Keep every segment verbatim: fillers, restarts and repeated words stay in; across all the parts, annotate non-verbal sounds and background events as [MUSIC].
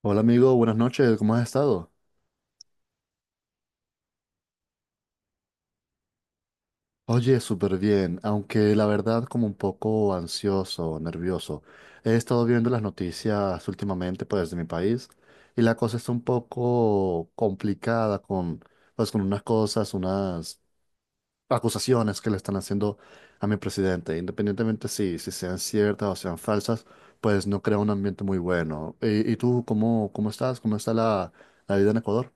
Hola amigo, buenas noches, ¿cómo has estado? Oye, súper bien, aunque la verdad como un poco ansioso, nervioso. He estado viendo las noticias últimamente pues de mi país y la cosa está un poco complicada con pues con unas cosas, unas acusaciones que le están haciendo a mi presidente. Independientemente si, si sean ciertas o sean falsas, pues no crea un ambiente muy bueno. ¿Y, y tú cómo, cómo estás? ¿Cómo está la, la vida en Ecuador?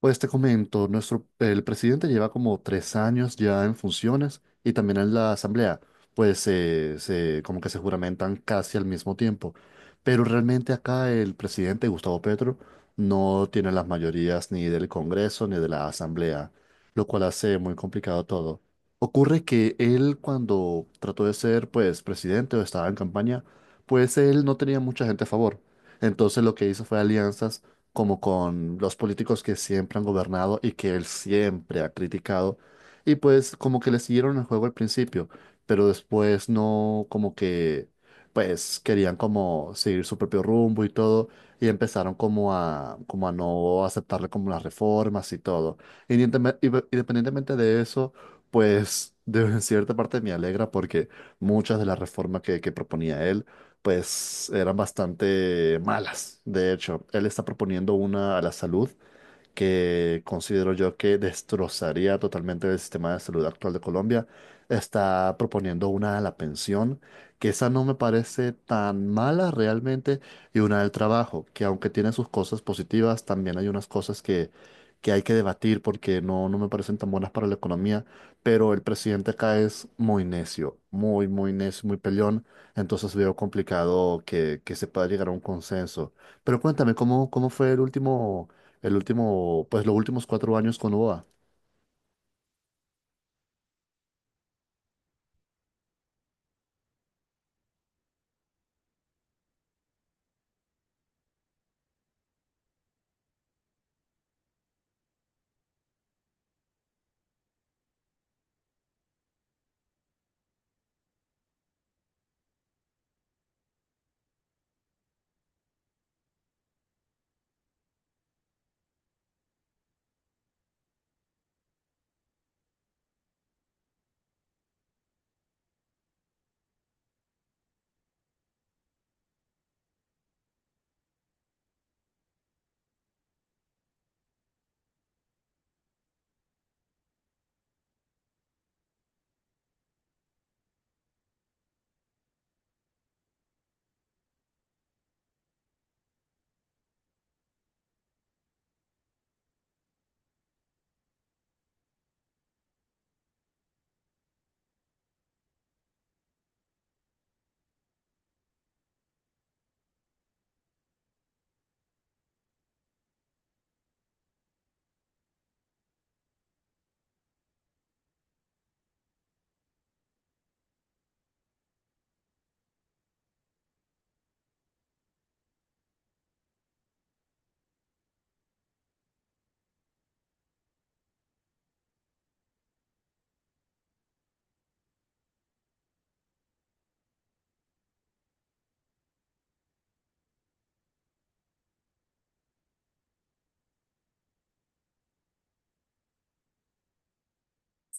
Pues te comento, nuestro, el presidente lleva como tres años ya en funciones y también en la asamblea, pues eh, se, como que se juramentan casi al mismo tiempo. Pero realmente acá el presidente Gustavo Petro no tiene las mayorías ni del Congreso ni de la asamblea, lo cual hace muy complicado todo. Ocurre que él cuando trató de ser pues presidente o estaba en campaña, pues él no tenía mucha gente a favor. Entonces lo que hizo fue alianzas como con los políticos que siempre han gobernado y que él siempre ha criticado. Y pues como que le siguieron el juego al principio, pero después no como que pues querían como seguir su propio rumbo y todo y empezaron como a como a no aceptarle como las reformas y todo. Independenteme- inde- Independientemente de eso, pues [LAUGHS] de en cierta parte me alegra porque muchas de las reformas que, que proponía él pues eran bastante malas. De hecho, él está proponiendo una a la salud que considero yo que destrozaría totalmente el sistema de salud actual de Colombia, está proponiendo una a la pensión, que esa no me parece tan mala realmente, y una del trabajo, que aunque tiene sus cosas positivas, también hay unas cosas que, que hay que debatir porque no, no me parecen tan buenas para la economía, pero el presidente acá es muy necio, muy, muy necio, muy peleón, entonces veo complicado que, que se pueda llegar a un consenso. Pero cuéntame, ¿cómo, cómo fue el último el último, pues los últimos cuatro años con U O A?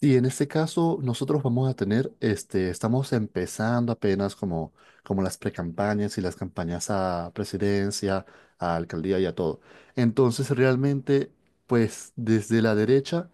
Y en este caso, nosotros vamos a tener, este, estamos empezando apenas como, como las precampañas y las campañas a presidencia, a alcaldía y a todo. Entonces, realmente, pues desde la derecha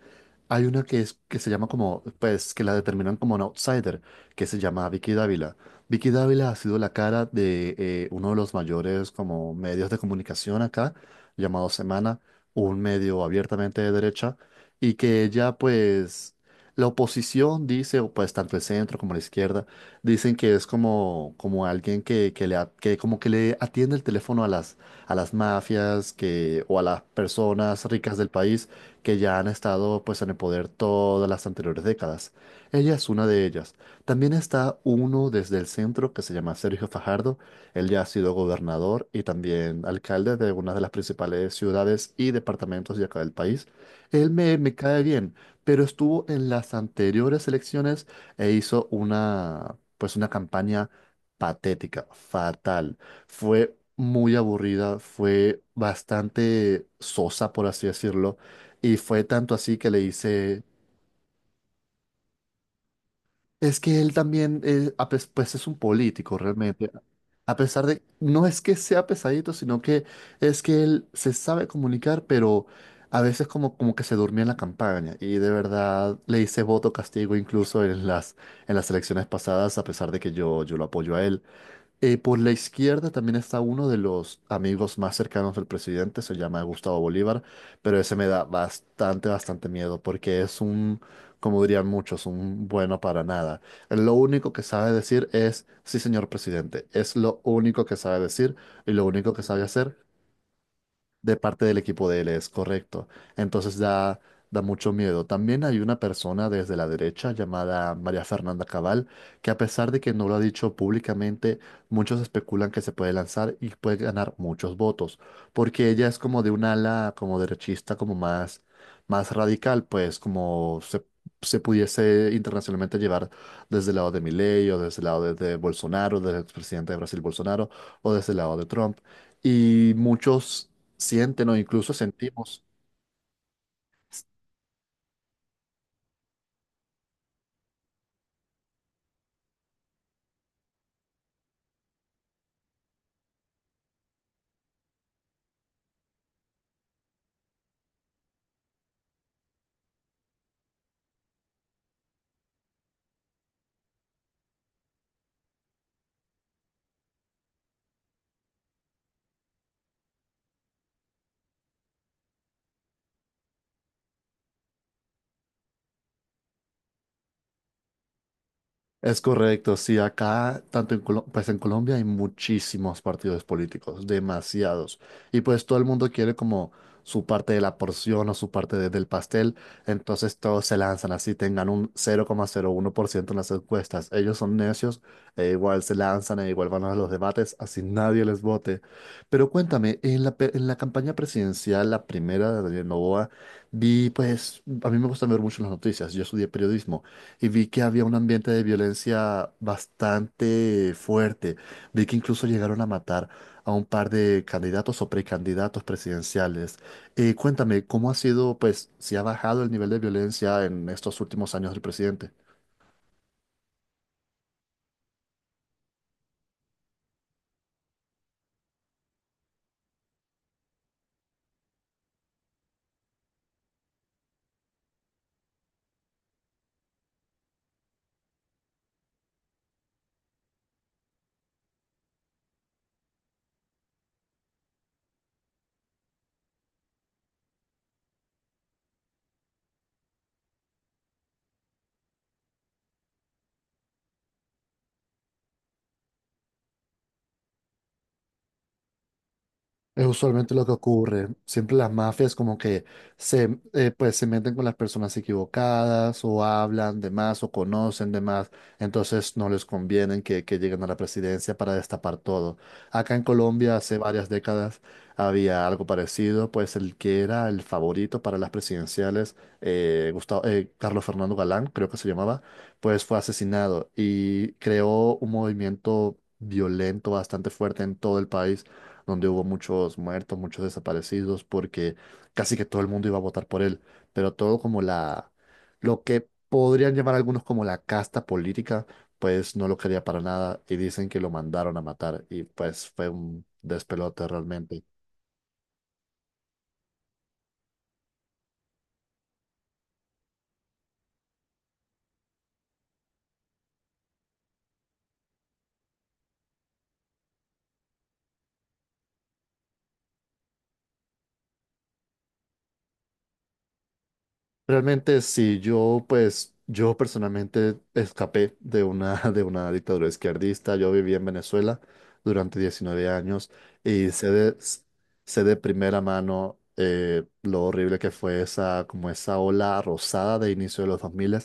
hay una que, es, que se llama como, pues que la determinan como un outsider, que se llama Vicky Dávila. Vicky Dávila ha sido la cara de eh, uno de los mayores como medios de comunicación acá, llamado Semana, un medio abiertamente de derecha y que ella pues la oposición dice, o pues tanto el centro como la izquierda, dicen que es como, como alguien que, que le, a- que como que le atiende el teléfono a las, a las mafias que, o a las personas ricas del país que ya han estado pues en el poder todas las anteriores décadas. Ella es una de ellas. También está uno desde el centro que se llama Sergio Fajardo. Él ya ha sido gobernador y también alcalde de una de las principales ciudades y departamentos de acá del país. Él me, me cae bien pero estuvo en las anteriores elecciones e hizo una, pues una campaña patética, fatal. Fue muy aburrida, fue bastante sosa, por así decirlo, y fue tanto así que le hice es que él también, eh, a pes- pues es un político realmente. A pesar de, no es que sea pesadito, sino que es que él se sabe comunicar, pero a veces como, como que se durmió en la campaña. Y de verdad le hice voto castigo incluso en las, en las elecciones pasadas, a pesar de que yo, yo lo apoyo a él. Eh, por la izquierda también está uno de los amigos más cercanos del presidente, se llama Gustavo Bolívar, pero ese me da bastante, bastante miedo porque es un, como dirían muchos, un bueno para nada. Él lo único que sabe decir es, sí, señor presidente, es lo único que sabe decir y lo único que sabe hacer de parte del equipo de él, es correcto. Entonces da, da mucho miedo. También hay una persona desde la derecha llamada María Fernanda Cabal, que a pesar de que no lo ha dicho públicamente, muchos especulan que se puede lanzar y puede ganar muchos votos, porque ella es como de un ala como derechista, como más, más radical, pues como se, se pudiese internacionalmente llevar desde el lado de Milei o desde el lado de, de Bolsonaro, del expresidente de Brasil Bolsonaro o desde el lado de Trump. Y muchos sienten o incluso sentimos. Es correcto, sí, acá, tanto en Colo- pues en Colombia hay muchísimos partidos políticos, demasiados. Y pues todo el mundo quiere como su parte de la porción o su parte de- del pastel, entonces todos se lanzan así, tengan un cero coma cero uno por ciento en las encuestas. Ellos son necios, e igual se lanzan e igual van a los debates, así nadie les vote. Pero cuéntame, en la, pe- en la campaña presidencial, la primera de Daniel Noboa, vi pues, a mí me gusta ver mucho las noticias, yo estudié periodismo y vi que había un ambiente de violencia bastante fuerte. Vi que incluso llegaron a matar a un par de candidatos o precandidatos presidenciales. Eh, cuéntame, ¿cómo ha sido, pues, si ha bajado el nivel de violencia en estos últimos años del presidente? Es usualmente lo que ocurre. Siempre las mafias como que se, eh, pues, se meten con las personas equivocadas o hablan de más o conocen de más. Entonces no les conviene que, que lleguen a la presidencia para destapar todo. Acá en Colombia hace varias décadas había algo parecido, pues el que era el favorito para las presidenciales, eh, Gustavo- eh, Carlos Fernando Galán, creo que se llamaba, pues fue asesinado y creó un movimiento violento bastante fuerte en todo el país donde hubo muchos muertos, muchos desaparecidos, porque casi que todo el mundo iba a votar por él, pero todo como la, lo que podrían llamar algunos como la casta política, pues no lo quería para nada y dicen que lo mandaron a matar y pues fue un despelote realmente. Realmente sí, yo pues yo personalmente escapé de una, [LAUGHS] de una dictadura izquierdista, yo viví en Venezuela durante diecinueve años y sé de, sé de primera mano eh, lo horrible que fue esa, como esa ola rosada de inicio de los dos mil,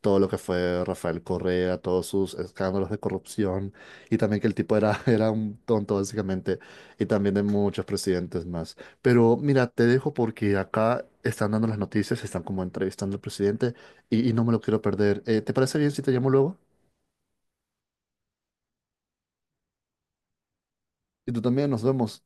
todo lo que fue Rafael Correa, todos sus escándalos de corrupción y también que el tipo era, [LAUGHS] era un tonto básicamente y también de muchos presidentes más. Pero mira, te dejo porque acá están dando las noticias, están como entrevistando al presidente y, y no me lo quiero perder. Eh, ¿te parece bien si te llamo luego? Y tú también, nos vemos.